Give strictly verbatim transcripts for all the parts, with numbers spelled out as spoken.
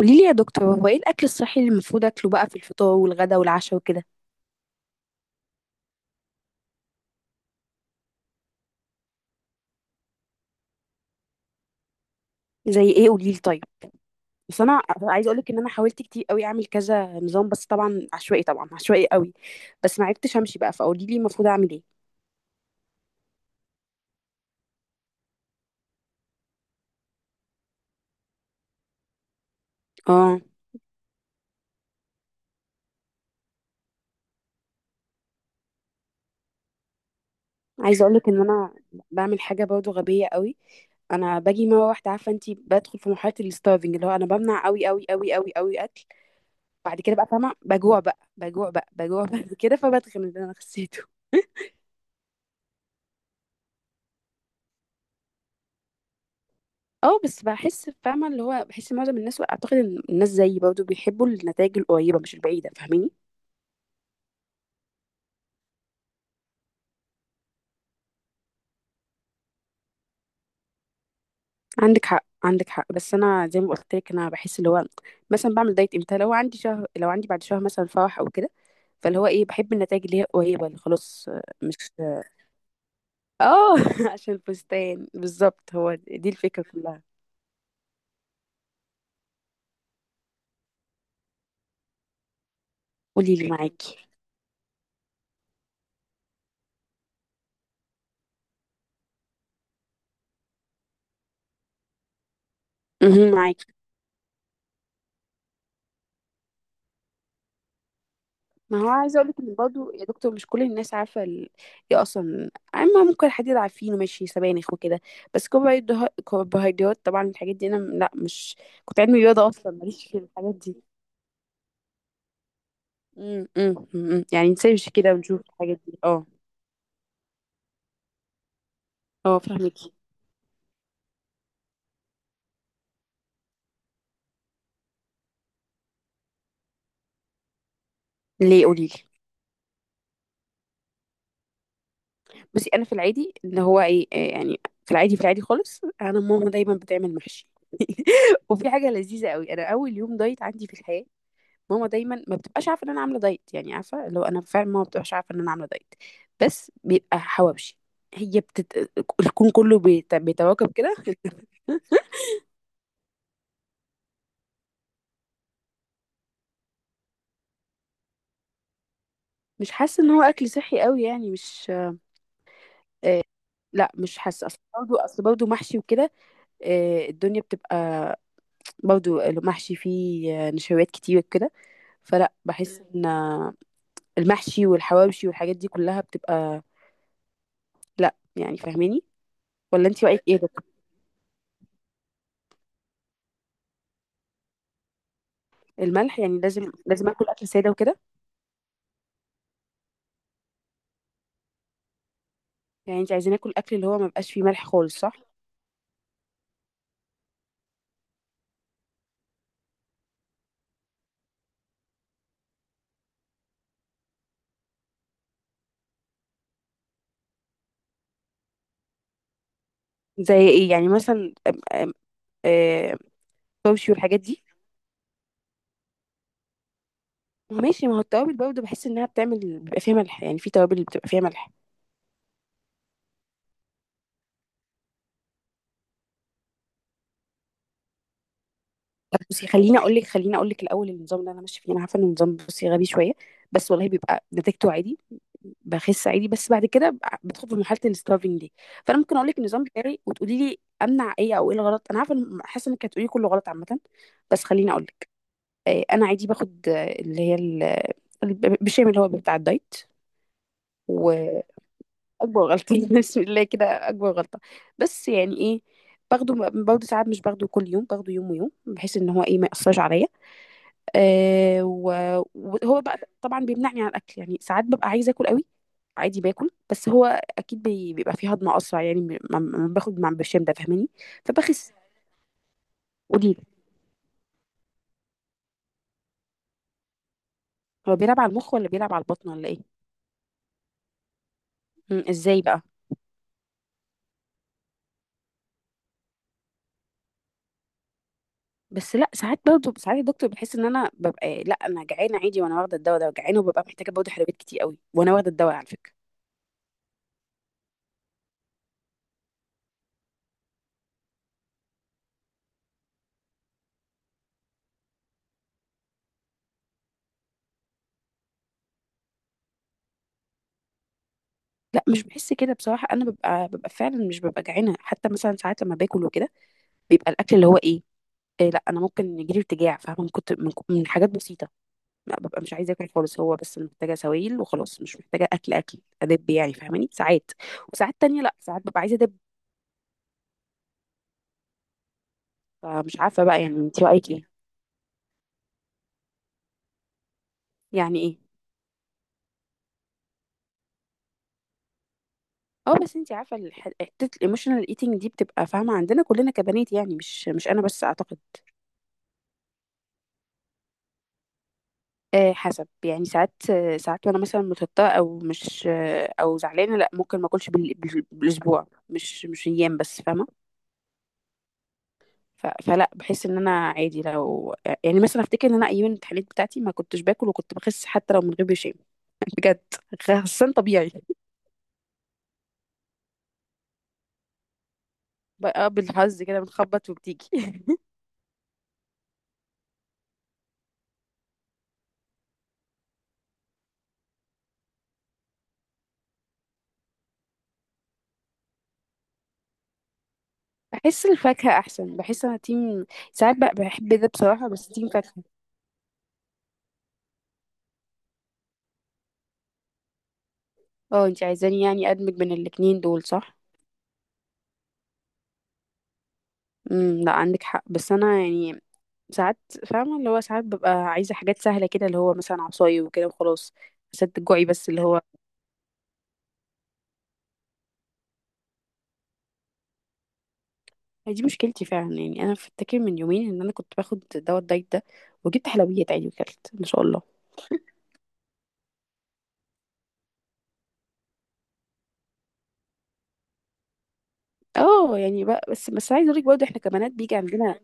قولي لي يا دكتور، هو ايه الاكل الصحي اللي المفروض اكله بقى في الفطار والغدا والعشاء وكده؟ زي ايه؟ قولي لي طيب. بس انا عايزه اقول لك ان انا حاولت كتير قوي اعمل كذا نظام، بس طبعا عشوائي طبعا عشوائي قوي، بس ما عرفتش امشي بقى، فقولي لي المفروض اعمل ايه؟ اه، عايزه اقول لك ان انا بعمل حاجه برضو غبيه قوي. انا باجي مره واحده عارفه انت، بدخل في مرحله الستارفنج، اللي هو انا بمنع قوي قوي قوي قوي قوي اكل، بعد كده بقى فاهمه، بجوع بقى بجوع بقى بجوع بعد كده، فبتخن اللي انا خسيته. اه بس بحس، فاهمة اللي هو، بحس معظم الناس واعتقد ان الناس زيي برضه بيحبوا النتائج القريبة مش البعيدة، فاهماني؟ عندك حق عندك حق، بس انا زي ما قلت لك انا بحس اللي هو، مثلا بعمل دايت امتى؟ لو عندي شهر، لو عندي بعد شهر مثلا فرح او كده، فاللي هو ايه، بحب النتائج اللي هي قريبة، اللي خلاص آه، مش. اه عشان الفستان بالظبط، هو دي الفكرة كلها. قولي لي معاكي. مهم، معاكي. ما هو عايزه اقول لك ان برضه يا دكتور، مش كل الناس عارفه ال... ايه اصلا، اما ممكن حد يبقى عارفينه ماشي سبانخ وكده. بس كربوهيدرا- كربوهيدرات طبعا، الحاجات دي انا م- لا مش، كنت علمي رياضه اصلا، ماليش في الحاجات دي. امم امم يعني نسيرش كده ونشوف الحاجات دي، اه. اه فهمكي؟ ليه؟ قولي لي. بصي انا في العادي، ان هو ايه، إيه يعني، في العادي في العادي خالص، انا ماما دايما بتعمل محشي وفي حاجه لذيذه قوي، انا اول يوم دايت عندي في الحياه، ماما دايما ما بتبقاش عارفه ان انا عامله دايت، يعني عارفه لو انا فعلا، ماما ما بتبقاش عارفه ان انا عامله دايت، بس بيبقى حواوشي. هي بتت... الكون كله بيت... بيتواكب كده مش حاسه ان هو اكل صحي قوي يعني مش... آه. لا مش حاسه، اصل برضه اصل برضه محشي وكده. آه، الدنيا بتبقى، برضه المحشي فيه آه، نشويات كتير كده. فلا بحس مم. ان آه، المحشي والحواوشي والحاجات دي كلها بتبقى، لا يعني، فاهماني؟ ولا انت رايك ايه ده؟ الملح، يعني لازم لازم اكل اكل ساده وكده؟ يعني انت عايزين ناكل اكل اللي هو ما بقاش فيه ملح خالص، صح؟ زي ايه يعني؟ مثلا أم- أم- آه، توابشي والحاجات دي. ماشي، ما هو التوابل برضه بحس انها بتعمل، بيبقى فيها ملح، يعني في توابل بتبقى فيها ملح. طب بصي، خليني اقول لك خليني اقول لك الاول، النظام اللي انا ماشيه فيه، انا عارفه ان النظام بصي غبي شويه، بس والله بيبقى نتيجته عادي، بخس عادي، بس بعد كده ب- بدخل في مرحله الستارفنج دي. فانا ممكن اقول لك النظام بتاعي وتقولي لي امنع ايه، او ايه الغلط. انا عارفه إن- حاسه انك هتقولي كله غلط عامه. بس خليني اقول. آه، انا عادي باخد، آه، اللي هي ال- ال- بالشام اللي هو بتاع الدايت، واكبر غلطه بسم الله كده اكبر غلطه، بس يعني ايه، باخده، برضه ساعات مش باخده كل يوم، باخده يوم ويوم، بحيث ان هو ايه، ما ياثرش عليا. آه، و- وهو بقى طبعا بيمنعني عن الاكل، يعني ساعات ببقى عايزه اكل قوي، عادي باكل، بس هو اكيد بي- بيبقى فيه هضم اسرع، يعني م- ما ما باخد مع برشام ده، فاهماني؟ فبخس. قوليلي، هو بيلعب على المخ ولا بيلعب على البطن ولا ايه؟ مم، ازاي بقى؟ بس لا ساعات، برضه ساعات الدكتور بيحس ان انا ببقى، لا انا جعانه عادي وانا واخده الدواء ده، جعانه وببقى محتاجه برضه حلويات كتير قوي وانا واخده الدواء على فكره. لا مش بحس كده بصراحه، انا ببقى ببقى فعلا، مش ببقى جعانه، حتى مثلا ساعات لما باكل وكده، بيبقى الاكل اللي هو ايه، إيه، لا انا ممكن يجيلي ارتجاع فاهمه، من كنت من, من حاجات بسيطه. لا ببقى مش عايزه اكل خالص، هو بس أنا محتاجه سوائل وخلاص، مش محتاجه اكل، اكل ادب يعني، فاهماني؟ ساعات، وساعات تانية لا، ساعات ببقى عايزه ادب، فمش عارفه بقى، يعني انت رايك ايه؟ يعني ايه؟ اه بس انت عارفه الح- حته الايموشنال ايتنج دي بتبقى فاهمه، عندنا كلنا كبنات يعني، مش مش انا بس اعتقد. آه حسب، يعني ساعات، آه، ساعات وانا مثلا متوتره او مش، آه، او زعلانه، لا ممكن ما اكلش بال... بال- بالاسبوع، مش مش ايام بس، فاهمه. ف... فلا بحس ان انا عادي لو، يعني مثلا افتكر ان انا ايام التحاليل بتاعتي ما كنتش باكل وكنت بخس حتى لو من غير برشام بجد، خسان طبيعي. بقى بالحظ كده بنخبط وبتيجي بحس الفاكهه احسن، بحس انا تيم، ساعات بقى بحب ده بصراحه، بس تيم فاكهه. اه، انتي عايزاني يعني ادمج بين الاتنين دول، صح؟ امم لا عندك حق، بس انا يعني ساعات، فاهمه اللي هو، ساعات ببقى عايزه حاجات سهله كده، اللي هو مثلا عصاي وكده وخلاص، سد الجوعي بس اللي هو. هي دي مشكلتي فعلا، يعني انا فاكر من يومين ان انا كنت باخد دواء الدايت ده، وجبت حلويات عادي وكلت ما شاء الله. اه يعني بقى، بس بس عايزه اقول لك برضه، احنا كبنات بيجي عندنا.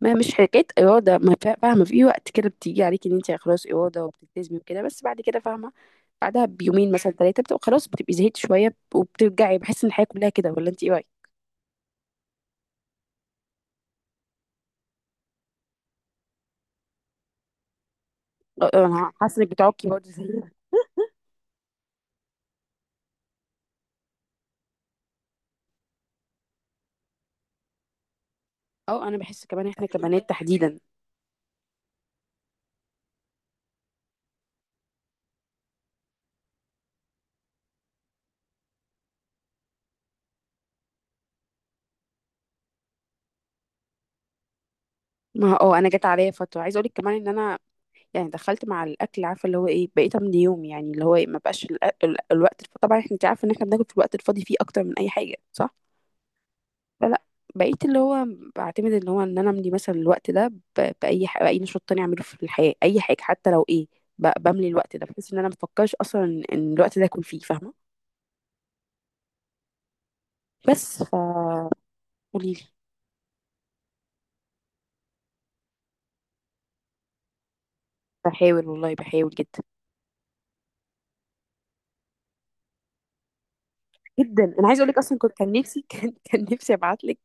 ما مش حكايه اراده، ما فا- فاهمه في وقت كده بتيجي عليك ان انت خلاص اراده وبتلتزمي وكده، بس بعد كده فاهمه، بعدها بيومين مثلا ثلاثه، بتبقى خلاص بتبقي زهقت شويه، وبترجعي بحس ان الحياه كلها كده، ولا انت ايه رايك؟ اه، اه، انا حاسه انك بتعكي برضه زيي. اه انا بحس كمان احنا كبنات تحديدا. ما اه انا جت عليا فتره، عايزه اقول لك كمان ان انا يعني دخلت مع الاكل، عارفه اللي هو ايه، بقيت من يوم يعني، اللي هو ايه، ما بقاش ال- ال- الوقت الف- طبعا احنا، انت عارفه ان احنا بناكل في الوقت الفاضي فيه اكتر من اي حاجه، صح؟ لا لا، بقيت اللي هو، بعتمد ان هو ان انا املي مثلا الوقت ده ب- باي ح... باي نشاط تاني اعمله في الحياه، اي حاجه حتى لو ايه، ب... بملي الوقت ده، بحيث ان انا مفكرش اصلا ان إن الوقت ده يكون فيه، فاهمه؟ بس ف قولي لي. بحاول والله بحاول جدا، جدا انا عايزه اقول لك، اصلا كنت، كان نفسي كان كان نفسي ابعت لك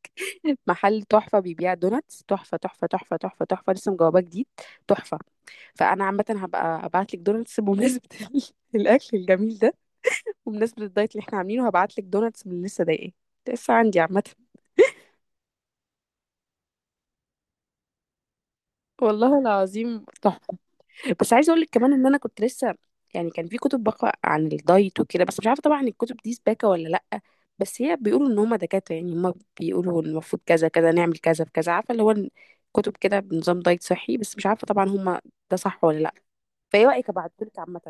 محل تحفه بيبيع دوناتس، تحفه تحفه تحفه تحفه تحفه، لسه مجاوباه جديد، تحفه. فانا عامه هبقى ابعت لك دوناتس بمناسبه الاكل الجميل ده، وبمناسبة الدايت اللي احنا عاملينه، هبعتلك دوناتس من اللي لسه ضايقاه، لسه عندي عامة. والله العظيم تحفة. بس عايزة اقولك كمان ان انا كنت لسه، يعني كان في كتب بقرا عن الدايت وكده، بس مش عارفة طبعا الكتب دي سباكة ولا لأ، بس هي بيقولوا ان هما دكاترة يعني، هما بيقولوا إن المفروض كذا كذا نعمل كذا في كذا، عارفة اللي هو كتب كده بنظام دايت صحي، بس مش عارفة طبعا هما ده صح ولا لأ، فايه رأيك ابعتهولك عامة؟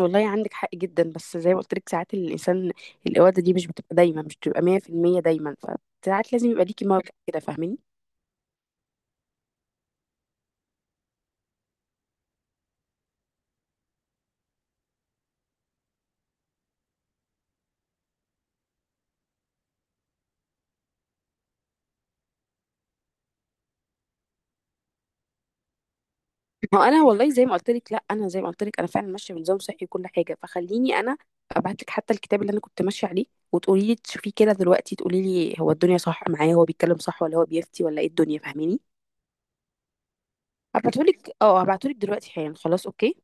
والله عندك حق جدا، بس زي ما قلت لك ساعات الانسان، الاراده دي مش بتبقى دايما، مش بتبقى مئة في المية دايما، فساعات لازم يبقى ليكي موقف كده، فاهماني؟ ما انا والله زي ما قلت لك، لا انا زي ما قلت لك انا فعلا ماشيه بنظام صحي وكل حاجه، فخليني انا ابعت لك حتى الكتاب اللي انا كنت ماشيه عليه، وتقولي لي تشوفيه كده دلوقتي، تقولي لي هو الدنيا صح معايا، هو بيتكلم صح ولا هو بيفتي ولا ايه الدنيا، فاهماني؟ هبعتهولك، اه هبعتهولك دلوقتي حالا، خلاص اوكي.